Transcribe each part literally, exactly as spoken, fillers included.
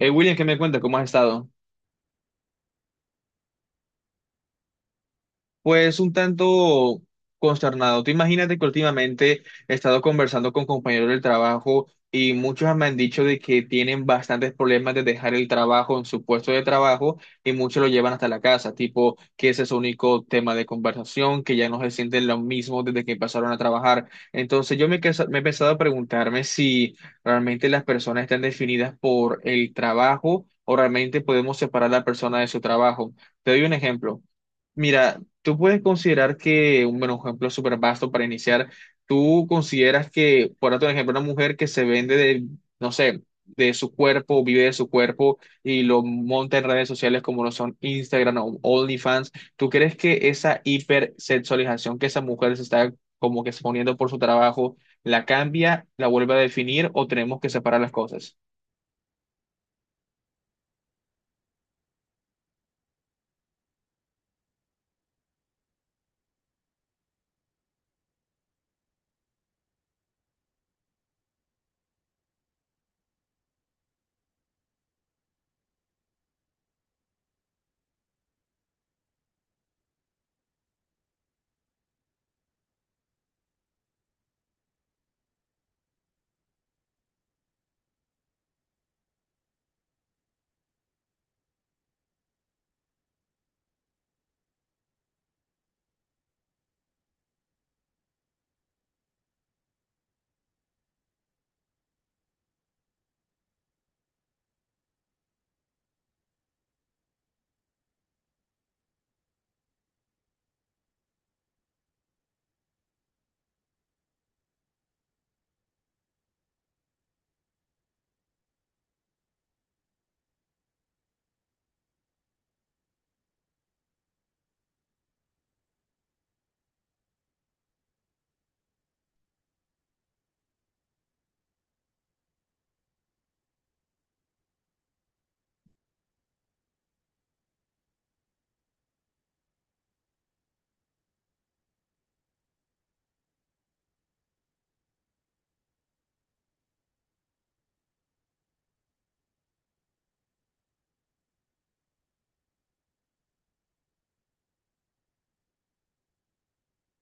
Eh, William, ¿qué me cuenta? ¿Cómo has estado? Pues un tanto consternado. Tú imagínate que últimamente he estado conversando con compañeros del trabajo y muchos me han dicho de que tienen bastantes problemas de dejar el trabajo en su puesto de trabajo y muchos lo llevan hasta la casa, tipo que ese es su único tema de conversación, que ya no se sienten lo mismo desde que empezaron a trabajar. Entonces yo me, he quesa- me he empezado a preguntarme si realmente las personas están definidas por el trabajo o realmente podemos separar a la persona de su trabajo. Te doy un ejemplo. Mira, tú puedes considerar que, un buen ejemplo súper vasto para iniciar, tú consideras que, por otro ejemplo, una mujer que se vende de, no sé, de su cuerpo, vive de su cuerpo y lo monta en redes sociales como lo son Instagram o OnlyFans, ¿tú crees que esa hipersexualización que esa mujer se está como que exponiendo por su trabajo, la cambia, la vuelve a definir o tenemos que separar las cosas?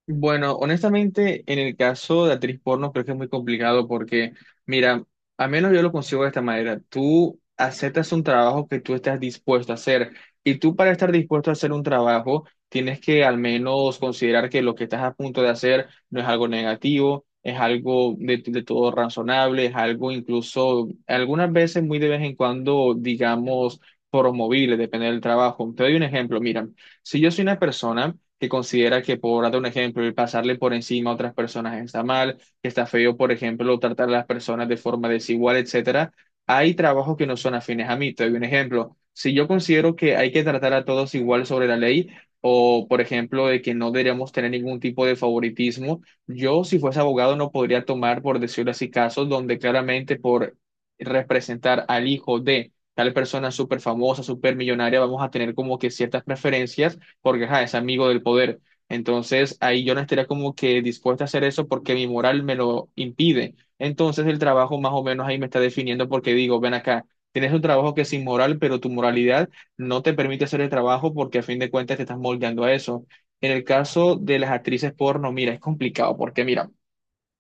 Bueno, honestamente, en el caso de actriz porno creo que es muy complicado porque, mira, al menos yo lo consigo de esta manera, tú aceptas un trabajo que tú estás dispuesto a hacer y tú para estar dispuesto a hacer un trabajo tienes que al menos considerar que lo que estás a punto de hacer no es algo negativo, es algo de, de todo razonable, es algo incluso algunas veces muy de vez en cuando, digamos, promovible, depende del trabajo. Te doy un ejemplo, mira, si yo soy una persona que considera que, por darte un ejemplo, el pasarle por encima a otras personas está mal, que está feo, por ejemplo, tratar a las personas de forma desigual, etcétera, hay trabajos que no son afines a mí. Te doy un ejemplo. Si yo considero que hay que tratar a todos igual sobre la ley, o por ejemplo, de que no deberíamos tener ningún tipo de favoritismo, yo, si fuese abogado, no podría tomar, por decirlo así, casos donde claramente por representar al hijo de tal persona súper famosa, súper millonaria, vamos a tener como que ciertas preferencias porque ajá, es amigo del poder. Entonces ahí yo no estaría como que dispuesta a hacer eso porque mi moral me lo impide. Entonces el trabajo más o menos ahí me está definiendo porque digo, ven acá, tienes un trabajo que es inmoral, pero tu moralidad no te permite hacer el trabajo porque a fin de cuentas te estás moldeando a eso. En el caso de las actrices porno, mira, es complicado porque mira,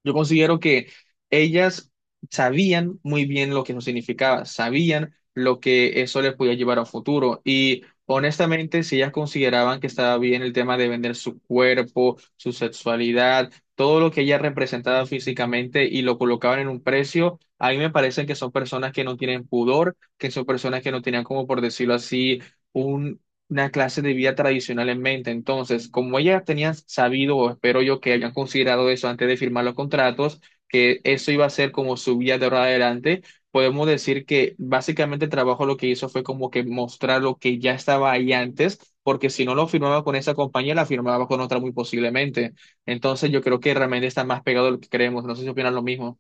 yo considero que ellas sabían muy bien lo que eso significaba, sabían lo que eso les podía llevar a un futuro y honestamente, si ellas consideraban que estaba bien el tema de vender su cuerpo, su sexualidad, todo lo que ella representaba físicamente y lo colocaban en un precio, a mí me parece que son personas que no tienen pudor, que son personas que no tenían como por decirlo así una clase de vida tradicional en mente. Entonces, como ellas tenían sabido, o espero yo que hayan considerado eso antes de firmar los contratos, que eso iba a ser como su vida de ahora adelante, podemos decir que básicamente el trabajo lo que hizo fue como que mostrar lo que ya estaba ahí antes, porque si no lo firmaba con esa compañía, la firmaba con otra muy posiblemente. Entonces, yo creo que realmente está más pegado de lo que creemos. No sé si opinan lo mismo.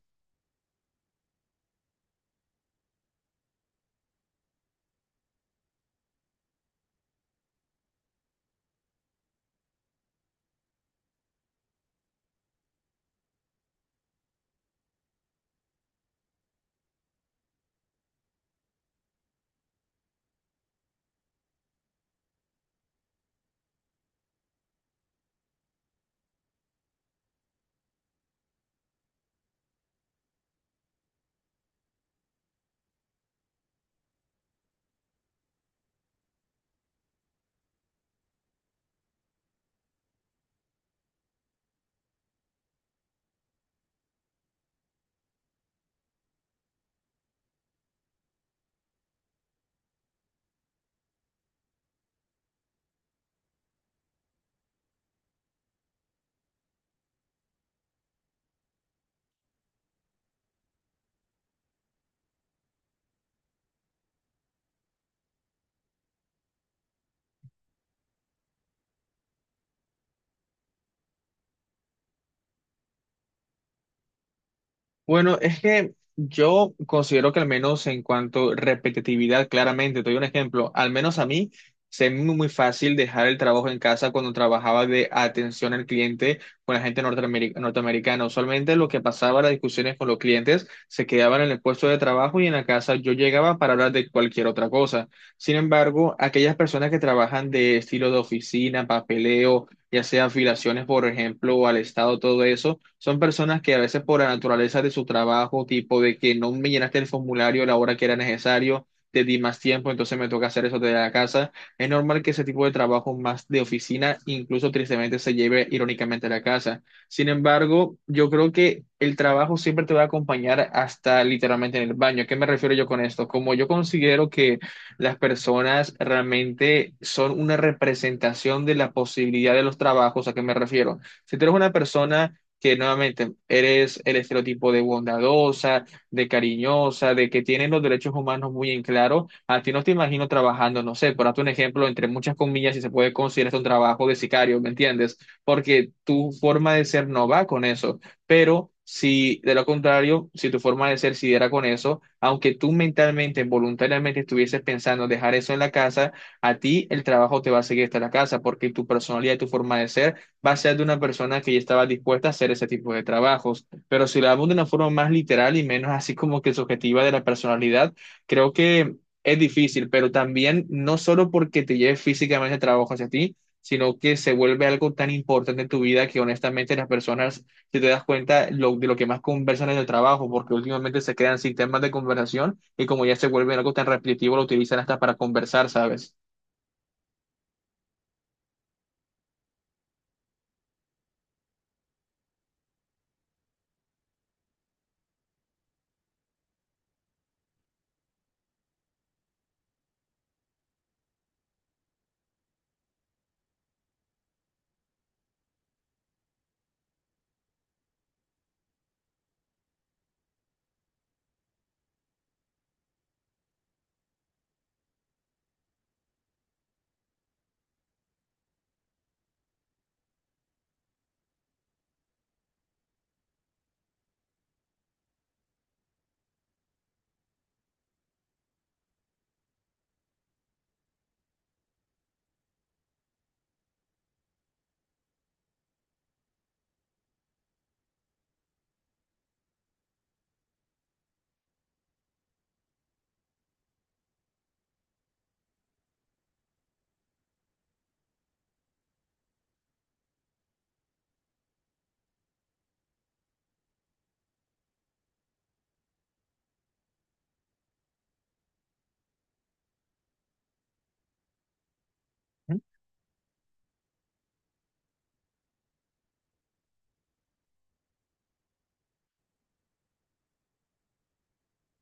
Bueno, es que yo considero que al menos en cuanto a repetitividad, claramente, te doy un ejemplo, al menos a mí se me hizo muy fácil dejar el trabajo en casa cuando trabajaba de atención al cliente con la gente norteameri- norteamericana. Usualmente lo que pasaba, las discusiones con los clientes, se quedaban en el puesto de trabajo y en la casa yo llegaba para hablar de cualquier otra cosa. Sin embargo, aquellas personas que trabajan de estilo de oficina, papeleo, ya sea afiliaciones, por ejemplo, al Estado, todo eso, son personas que a veces por la naturaleza de su trabajo, tipo de que no me llenaste el formulario a la hora que era necesario, te di más tiempo, entonces me toca hacer eso desde la casa. Es normal que ese tipo de trabajo más de oficina, incluso tristemente, se lleve irónicamente a la casa. Sin embargo, yo creo que el trabajo siempre te va a acompañar hasta literalmente en el baño. ¿A qué me refiero yo con esto? Como yo considero que las personas realmente son una representación de la posibilidad de los trabajos. ¿A qué me refiero? Si tú eres una persona que nuevamente eres el estereotipo de bondadosa, de cariñosa, de que tiene los derechos humanos muy en claro, a ti no te imagino trabajando, no sé, por darte un ejemplo, entre muchas comillas, si se puede considerar esto un trabajo de sicario, ¿me entiendes? Porque tu forma de ser no va con eso, pero... Si de lo contrario, si tu forma de ser sí era con eso, aunque tú mentalmente, voluntariamente estuvieses pensando dejar eso en la casa, a ti el trabajo te va a seguir hasta la casa porque tu personalidad y tu forma de ser va a ser de una persona que ya estaba dispuesta a hacer ese tipo de trabajos. Pero si lo hablamos de una forma más literal y menos así como que subjetiva de la personalidad, creo que es difícil, pero también no solo porque te lleve físicamente el trabajo hacia ti, sino que se vuelve algo tan importante en tu vida que honestamente las personas si te das cuenta, lo, de lo que más conversan en el trabajo, porque últimamente se crean sistemas de conversación y como ya se vuelve algo tan repetitivo, lo utilizan hasta para conversar, ¿sabes?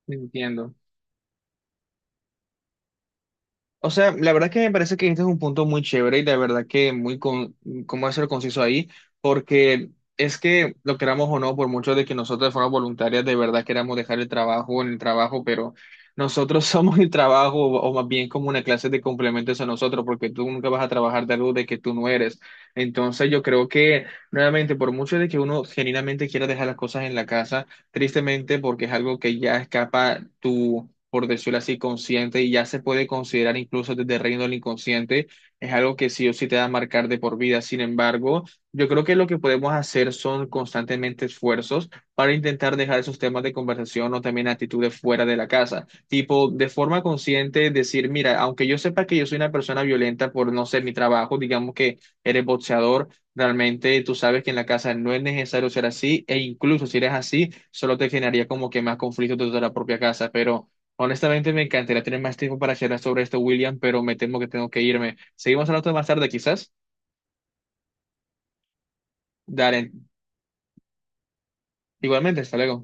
Entiendo. O sea, la verdad que me parece que este es un punto muy chévere y de verdad que muy con, cómo ser conciso ahí, porque es que lo queramos o no, por mucho de que nosotros de forma voluntaria de verdad queramos dejar el trabajo en el trabajo, pero nosotros somos el trabajo o, o más bien como una clase de complementos a nosotros, porque tú nunca vas a trabajar de algo de que tú no eres. Entonces yo creo que nuevamente, por mucho de que uno genuinamente quiera dejar las cosas en la casa, tristemente porque es algo que ya escapa tu por decirlo así, consciente y ya se puede considerar incluso desde el reino del inconsciente, es algo que sí o sí te va a marcar de por vida. Sin embargo, yo creo que lo que podemos hacer son constantemente esfuerzos para intentar dejar esos temas de conversación o también actitudes fuera de la casa. Tipo, de forma consciente decir, mira, aunque yo sepa que yo soy una persona violenta por no ser mi trabajo, digamos que eres boxeador. Realmente tú sabes que en la casa no es necesario ser así, e incluso si eres así, solo te generaría como que más conflictos dentro de la propia casa. Pero honestamente, me encantaría tener más tiempo para charlar sobre esto, William, pero me temo que tengo que irme. Seguimos hablando más tarde, quizás. Dale, igualmente, hasta luego.